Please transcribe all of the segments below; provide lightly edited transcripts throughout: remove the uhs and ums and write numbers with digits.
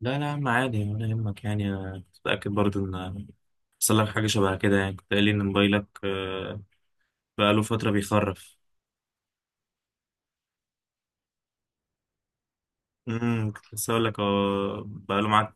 لا لا يا عم عادي ولا يهمك. يعني أنا كنت متأكد برضه إن حصل لك حاجة شبه كده. يعني كنت قايل لي إن موبايلك بقاله فترة بيخرف. كنت لسه أقول لك بقاله معاك.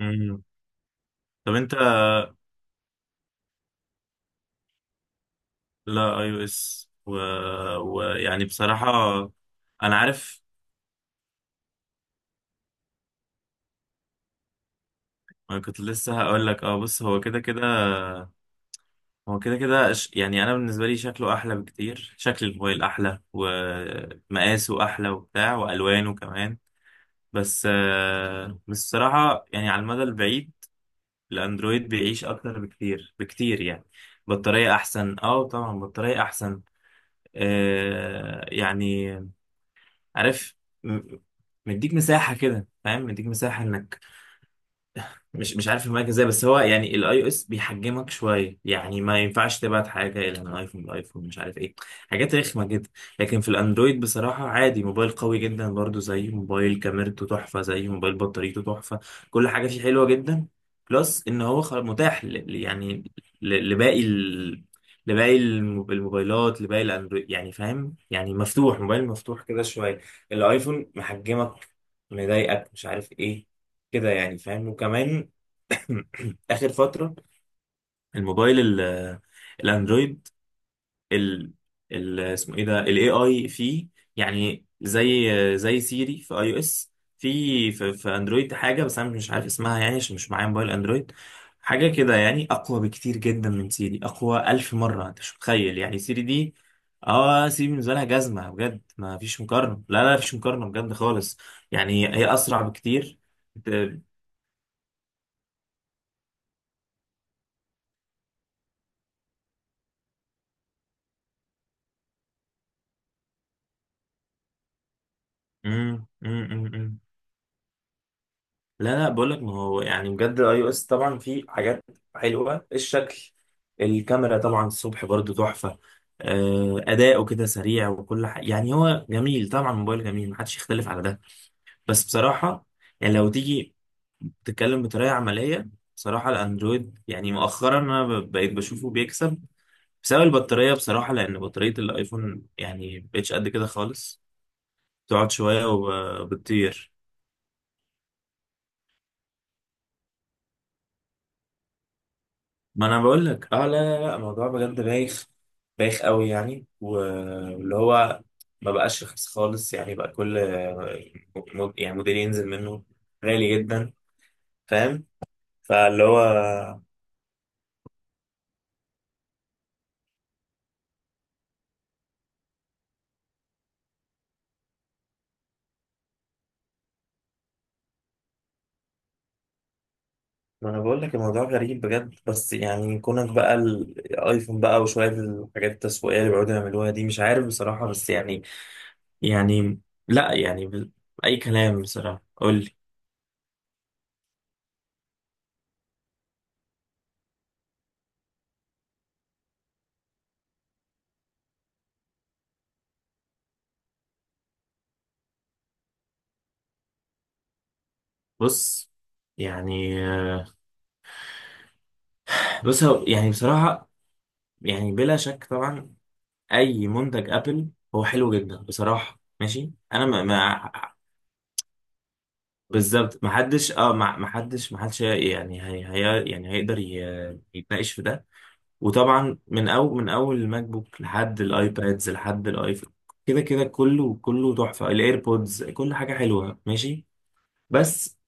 امم، طب أنت، لا أي أو إس و... ويعني بصراحة أنا عارف. أنا كنت لسه هقول لك أه، بص، هو كده كده، هو كده كده يعني أنا بالنسبة لي شكله أحلى بكتير، شكل الموبايل أحلى ومقاسه أحلى وبتاع وألوانه كمان، بس بس الصراحة يعني على المدى البعيد الأندرويد بيعيش أكتر بكتير بكتير يعني. بطارية أحسن، أه طبعا بطارية أحسن، آه يعني عارف، م- مديك مساحة كده فاهم، مديك مساحة إنك مش عارف المايك ازاي. بس هو يعني الاي او اس بيحجمك شويه، يعني ما ينفعش تبعت حاجه الى من ايفون لايفون، مش عارف ايه، حاجات رخمه جدا. لكن في الاندرويد بصراحه عادي، موبايل قوي جدا برضو، زي موبايل كاميرته تحفه، زي موبايل بطاريته تحفه، كل حاجه فيه حلوه جدا. بلس ان هو متاح يعني لباقي ال... لباقي الموبايلات، لباقي الاندرويد يعني، فاهم يعني؟ مفتوح، موبايل مفتوح كده شويه. الايفون محجمك، مضايقك، مش عارف ايه كده يعني، فاهم؟ وكمان اخر فتره الموبايل الاندرويد ال، ال اسمه ايه ده، الاي اي فيه، يعني زي زي سيري في اي او اس، في في اندرويد حاجه بس انا مش عارف اسمها يعني عشان مش معايا موبايل اندرويد. حاجه كده يعني اقوى بكتير جدا من سيري، اقوى ألف مره انت مش متخيل. يعني سيري دي، اه سيري بالنسبه لها جزمه بجد، ما فيش مقارنه، لا لا، فيش مقارنه بجد خالص. يعني هي اسرع بكتير. بت- مم، مم، مم، مم. لا لا، بقول لك ما هو يعني بجد الاي او اس طبعا فيه حاجات حلوه، الشكل، الكاميرا طبعا الصبح برضو تحفه، اداؤه كده سريع وكل حاجه، يعني هو جميل طبعا، موبايل جميل محدش يختلف على ده. بس بصراحه يعني لو تيجي تتكلم بطريقه عمليه، بصراحه الاندرويد يعني مؤخرا انا بقيت بشوفه بيكسب بسبب البطاريه بصراحه، لان بطاريه الايفون يعني مبقتش قد كده خالص، تقعد شويه وبتطير. ما انا بقول لك، اه لا لا الموضوع بجد بايخ، بايخ قوي يعني، واللي هو ما بقاش رخيص خالص يعني، بقى كل موديل ينزل منه غالي جدا، فاهم؟ فاللي هو، ما انا بقول لك الموضوع غريب بجد. بس يعني كونك بقى الايفون بقى وشويه الحاجات التسويقيه اللي بيقعدوا يعملوها دي، مش عارف بصراحه، بس يعني، يعني لا يعني اي كلام بصراحه، قول لي. بص، يعني بص يعني بصراحه يعني بلا شك طبعا اي منتج ابل هو حلو جدا بصراحه ماشي. انا ما بالظبط. ما حدش، اه ما حدش يعني، هي يعني هيقدر يتناقش في ده. وطبعا من اول، من اول الماك بوك لحد الايبادز لحد الايفون كده كده، كله تحفه، الايربودز، كل حاجه حلوه ماشي. بس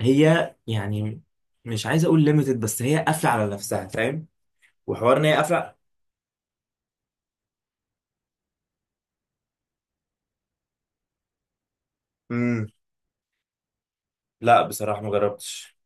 هي يعني، مش عايز اقول ليميتد، بس هي قافله على نفسها فاهم، وحوار ان هي قافله. امم، لا بصراحه ما جربتش.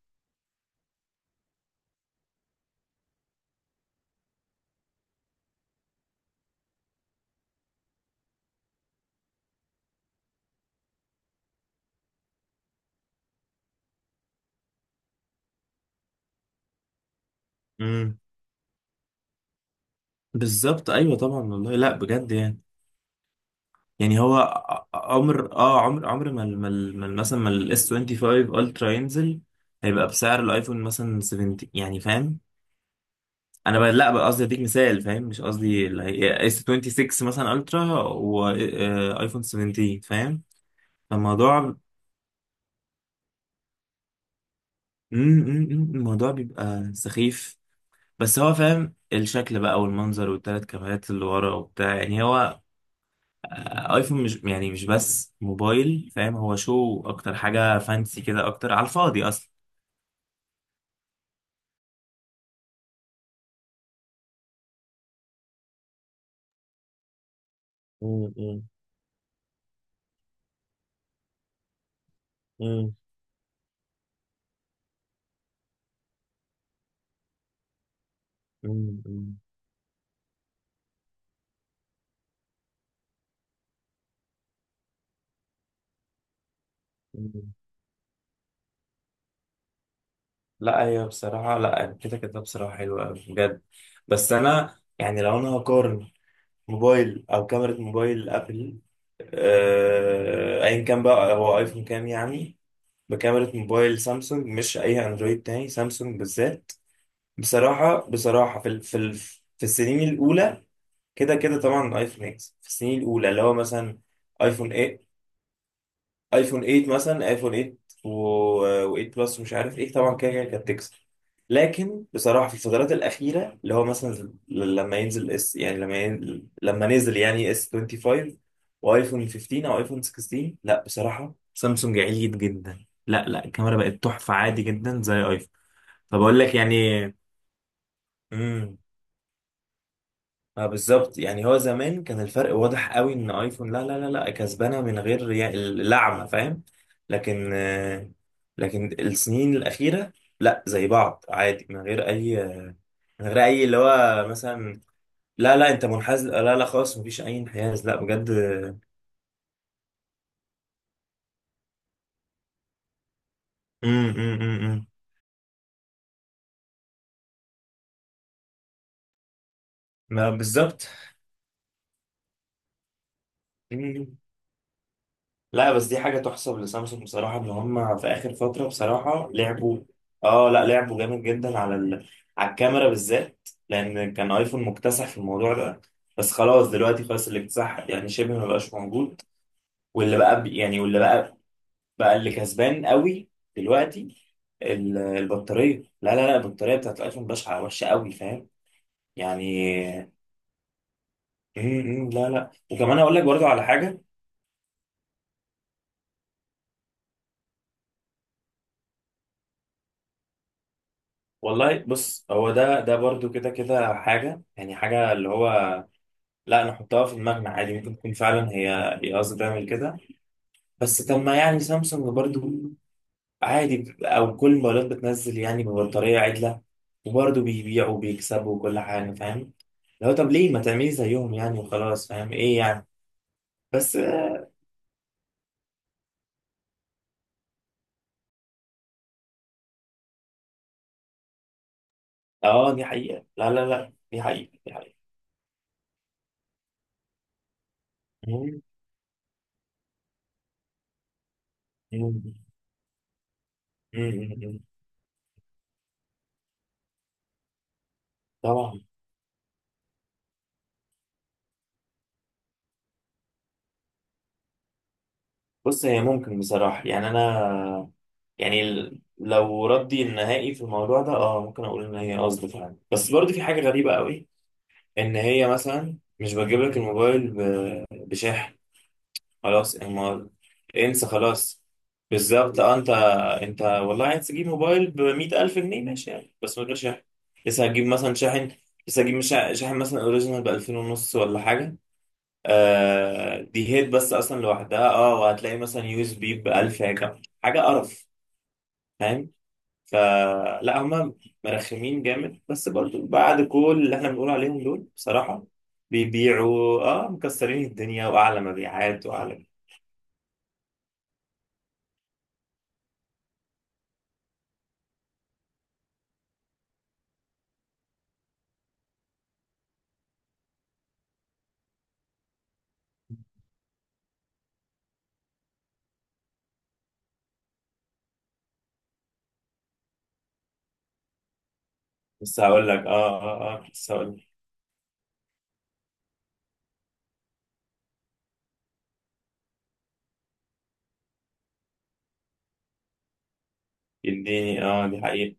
بالظبط، ايوه طبعا، والله لا بجد يعني. يعني هو عمر، اه عمر عمر، ما مثلا ما الاس 25 الترا ينزل هيبقى بسعر الايفون مثلا 70، يعني فاهم. انا بقى لا، بقى قصدي اديك مثال فاهم، مش قصدي. اس 26 مثلا الترا وايفون 17، فاهم؟ فالموضوع م- الموضوع بيبقى سخيف. بس هو فاهم، الشكل بقى والمنظر والتلات كاميرات اللي ورا وبتاع، يعني هو ايفون مش يعني مش بس موبايل فاهم، هو شو اكتر، حاجة فانسي كده اكتر على الفاضي اصلا. مم، مم، مم، مم، مم، مم. لا هي بصراحة، لا كده كده بصراحة حلوة أوي بجد، بس أنا يعني لو أنا هقارن موبايل أو كاميرا موبايل أبل أيا كان بقى، هو أيفون كام يعني، بكاميرا موبايل سامسونج، مش أي أندرويد تاني، سامسونج بالذات. بصراحة بصراحة في في السنين الأولى كده كده طبعا الايفون اكس، في السنين الاولى اللي هو مثلا ايفون 8، ايفون 8 مثلا، ايفون 8 و8 بلس ومش عارف ايه طبعا كده كده كانت تكسب. لكن بصراحه في الفترات الاخيره اللي هو مثلا لما ينزل اس، يعني لما ينزل، لما نزل يعني اس 25 وايفون 15 او ايفون 16، لا بصراحه سامسونج عليت جدا، لا لا، الكاميرا بقت تحفه عادي جدا زي ايفون. فبقول لك يعني ما بالظبط، يعني هو زمان كان الفرق واضح قوي ان ايفون لا كسبانه من غير اللعمه، فاهم؟ لكن لكن السنين الاخيره لا زي بعض عادي من غير اي، من غير اي اللي هو مثلا، لا لا انت منحاز، لا لا، خلاص مفيش اي انحياز لا بجد. إمم. ما بالظبط. إمم. لا بس دي حاجة تحسب لسامسونج بصراحة إن هم في آخر فترة بصراحة لعبوا، آه لا لعبوا جامد جدا على ال... على الكاميرا بالذات، لأن كان آيفون مكتسح في الموضوع ده، بس خلاص دلوقتي خلاص الاكتساح يعني شبه ما بقاش موجود. واللي بقى يعني واللي بقى، بقى اللي كسبان قوي دلوقتي البطارية، لا البطارية بتاعت الآيفون بشعة، وحشة قوي فاهم يعني. لا لا، وكمان أقول لك برضو على حاجة. والله بص هو ده برضو كده كده حاجة، يعني حاجة اللي هو لا نحطها في دماغنا عادي، ممكن تكون فعلا هي، هي قصدي تعمل كده، بس طب ما يعني سامسونج برضو عادي، أو كل الموبايلات بتنزل يعني ببطارية عدلة وبرضو بيبيعوا وبيكسبوا وكل حاجة فاهم. لو طب ليه ما تعملي زيهم يعني، وخلاص فاهم إيه يعني. بس آه دي حقيقة، لا دي حقيقة دي حقيقة. مم. مم. مم. مم. طبعا بص هي ممكن بصراحة يعني، أنا يعني لو ردي النهائي في الموضوع ده، اه ممكن اقول ان هي قصد فعلا، بس برضه في حاجه غريبه قوي ان هي مثلا مش بتجيب لك الموبايل بشاحن. خلاص امال، انسى خلاص. بالظبط، اه انت، انت، والله عايز تجيب موبايل ب 100000 جنيه ماشي يعني، بس من غير شاحن، لسه هتجيب مثلا شاحن، لسه هتجيب شاحن مثلا اوريجينال ب 2000 ونص ولا حاجه، آه دي هيد بس اصلا لوحدها اه، وهتلاقي مثلا يو اس بي ب 1000 حاجه، حاجه قرف فاهم؟ فلا هم مرخمين جامد، بس برضو بعد كل اللي احنا بنقول عليهم دول بصراحة بيبيعوا، اه مكسرين الدنيا واعلى مبيعات واعلى. بس هقول لك، اه اه اه بس هقول لك، يديني، اه دي حقيقة.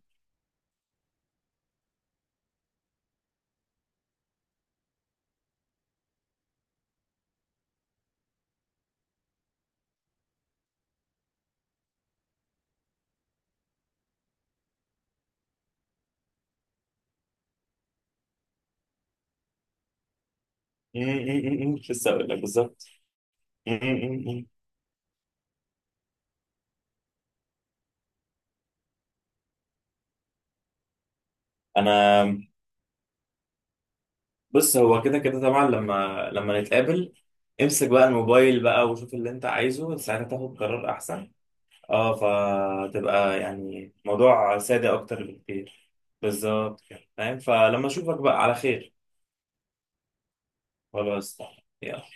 م- م- م- م. لسه هقول لك بالظبط. م- م- م- م. انا بص هو كده كده طبعا لما، لما نتقابل، امسك بقى الموبايل بقى وشوف اللي انت عايزه، ساعتها تاخد قرار احسن، اه، فتبقى يعني موضوع سادة أكتر بكتير. بالظبط كده فاهم، فلما أشوفك بقى على خير. خلاص. يلا.